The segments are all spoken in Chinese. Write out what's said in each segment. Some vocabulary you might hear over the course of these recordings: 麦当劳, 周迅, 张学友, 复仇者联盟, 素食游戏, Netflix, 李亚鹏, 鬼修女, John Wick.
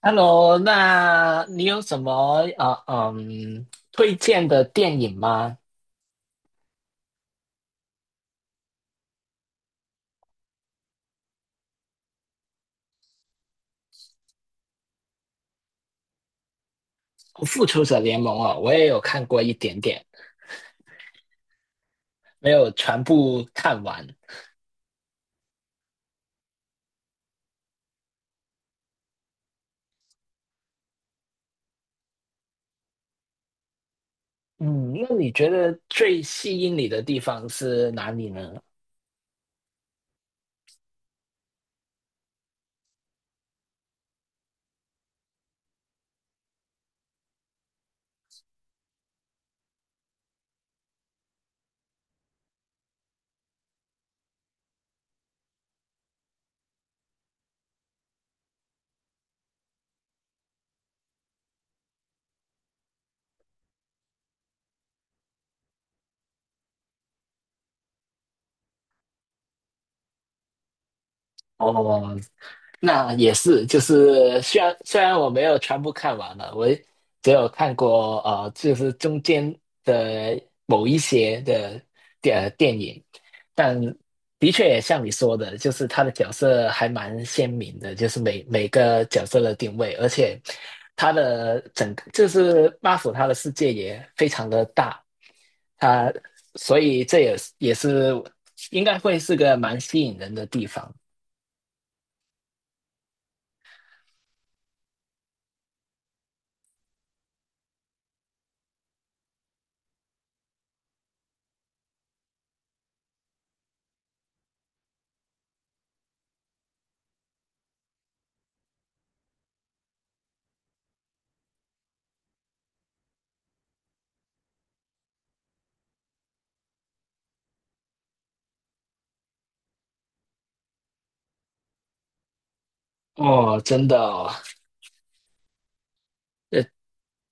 Hello，那你有什么呃嗯推荐的电影吗？《复仇者联盟》哦，我也有看过一点点，没有全部看完。嗯，那你觉得最吸引你的地方是哪里呢？哦，那也是，就是虽然我没有全部看完了，我只有看过就是中间的某一些的电影，但的确也像你说的，就是他的角色还蛮鲜明的，就是每个角色的定位，而且他的整个就是 m a r v 他的世界也非常的大，他所以这也是应该会是个蛮吸引人的地方。哦，真的哦。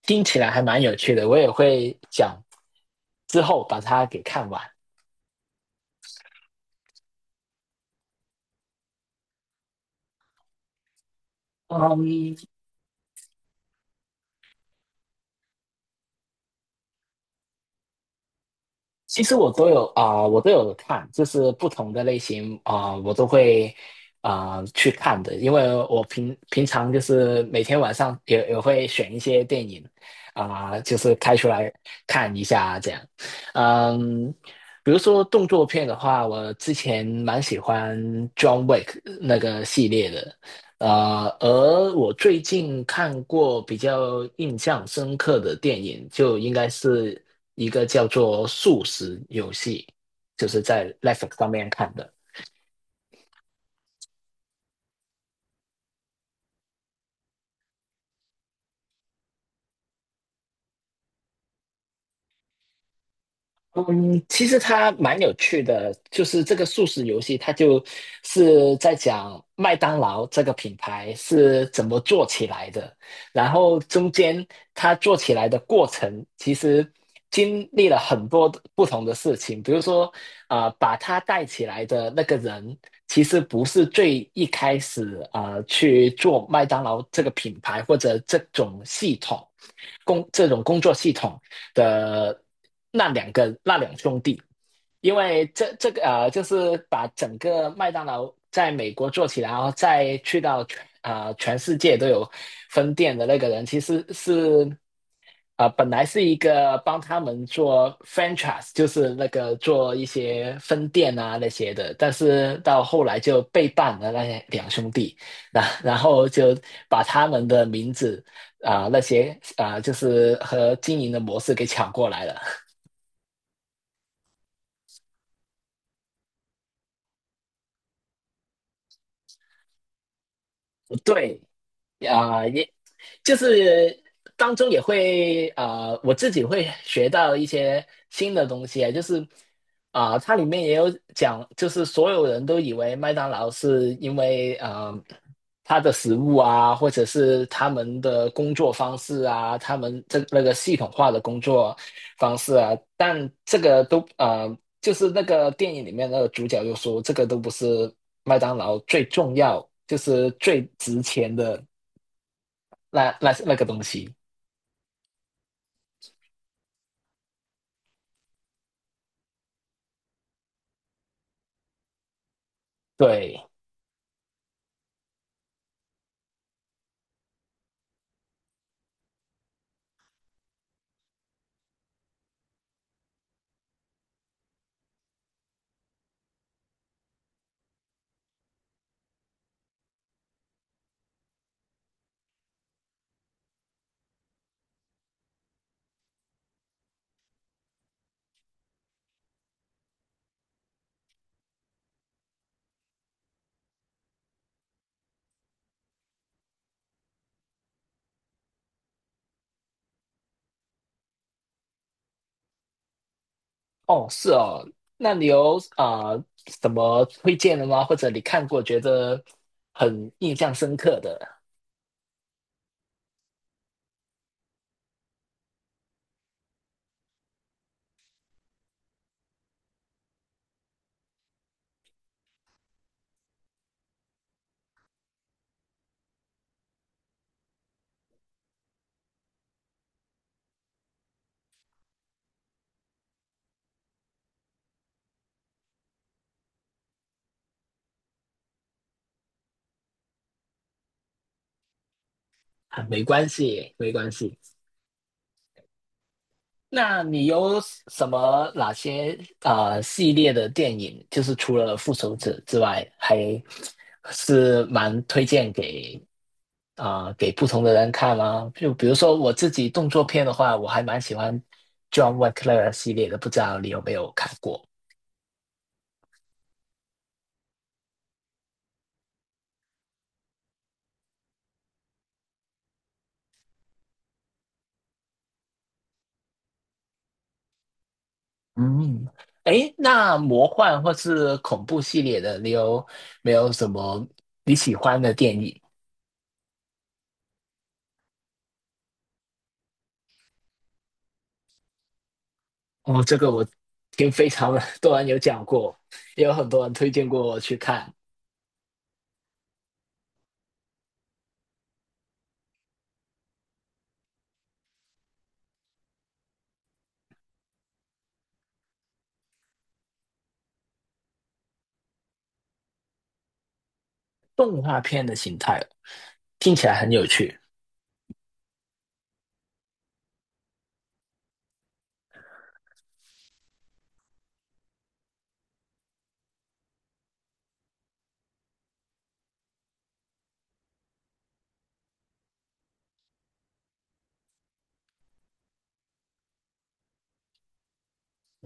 听起来还蛮有趣的，我也会讲之后把它给看完。嗯，其实我都有看，就是不同的类型我都会去看的，因为我平常就是每天晚上也会选一些电影就是开出来看一下这样。嗯，比如说动作片的话，我之前蛮喜欢 John Wick 那个系列的。呃，而我最近看过比较印象深刻的电影，就应该是一个叫做《素食游戏》，就是在 Netflix 上面看的。嗯，其实它蛮有趣的，就是这个素食游戏，它就是在讲麦当劳这个品牌是怎么做起来的，然后中间它做起来的过程，其实经历了很多的不同的事情，比如说，啊，把它带起来的那个人，其实不是最一开始去做麦当劳这个品牌或者这种系统工这种工作系统。的那两兄弟，因为这个就是把整个麦当劳在美国做起来，然后再去到全世界都有分店的那个人，其实是本来是一个帮他们做 franchise，就是那个做一些分店啊那些的，但是到后来就背叛了那些两兄弟，然后就把他们的名字啊、那些啊、就是和经营的模式给抢过来了。对，也就是当中也会啊、我自己会学到一些新的东西，啊，就是它里面也有讲，就是所有人都以为麦当劳是因为啊、它的食物啊，或者是他们的工作方式啊，他们这那个系统化的工作方式啊，但这个都啊，就是那个电影里面那个主角就说，这个都不是麦当劳最重要，就是最值钱的。那那个东西，对，哦，是哦，那你有什么推荐的吗？或者你看过觉得很印象深刻的？啊，没关系，没关系。那你有什么哪些系列的电影，就是除了《复仇者》之外，还是蛮推荐给给不同的人看吗？就比如说我自己动作片的话，我还蛮喜欢 John Wick 系列的，不知道你有没有看过？嗯，诶，那魔幻或是恐怖系列的，你有没有什么你喜欢的电影？哦，这个我跟非常 多人有讲过，也有很多人推荐过我去看动画片的形态，听起来很有趣。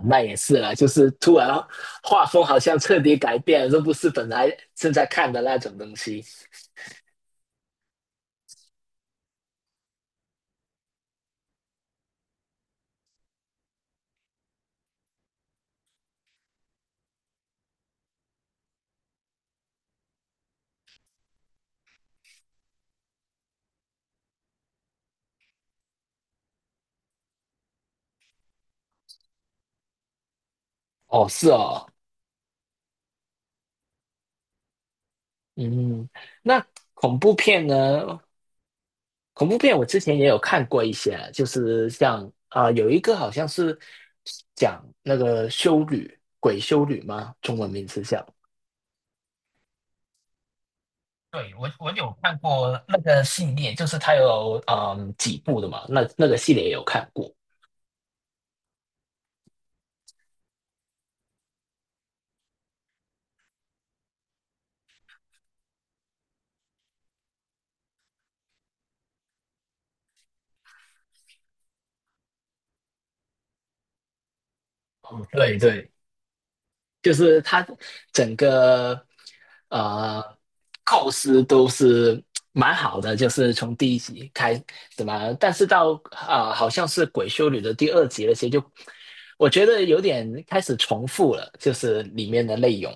那也是啦，就是突然画风好像彻底改变了，这不是本来正在看的那种东西。哦，是哦，嗯，那恐怖片呢？恐怖片我之前也有看过一些，就是像啊、有一个好像是讲那个修女，鬼修女吗？中文名字叫。对，我有看过那个系列，就是它有嗯几部的嘛，那个系列也有看过。嗯对对，就是它整个呃构思都是蛮好的，就是从第一集开怎么，但是到啊、好像是《鬼修女》的第二集那些就，我觉得有点开始重复了，就是里面的内容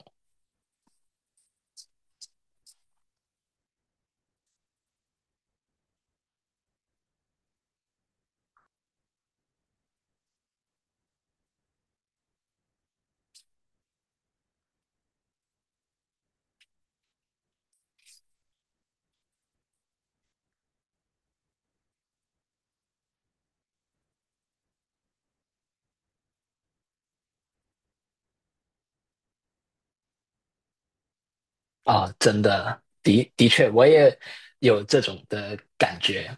真的的确我也有这种的感觉，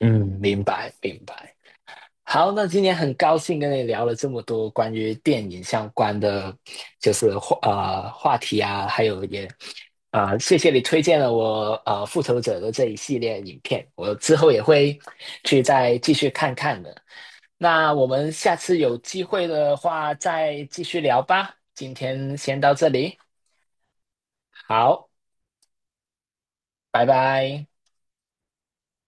嗯，明白明白。好，那今天很高兴跟你聊了这么多关于电影相关的，就是话题啊，还有也谢谢你推荐了我《复仇者》的这一系列影片，我之后也会去再继续看看的。那我们下次有机会的话再继续聊吧，今天先到这里，好，拜拜。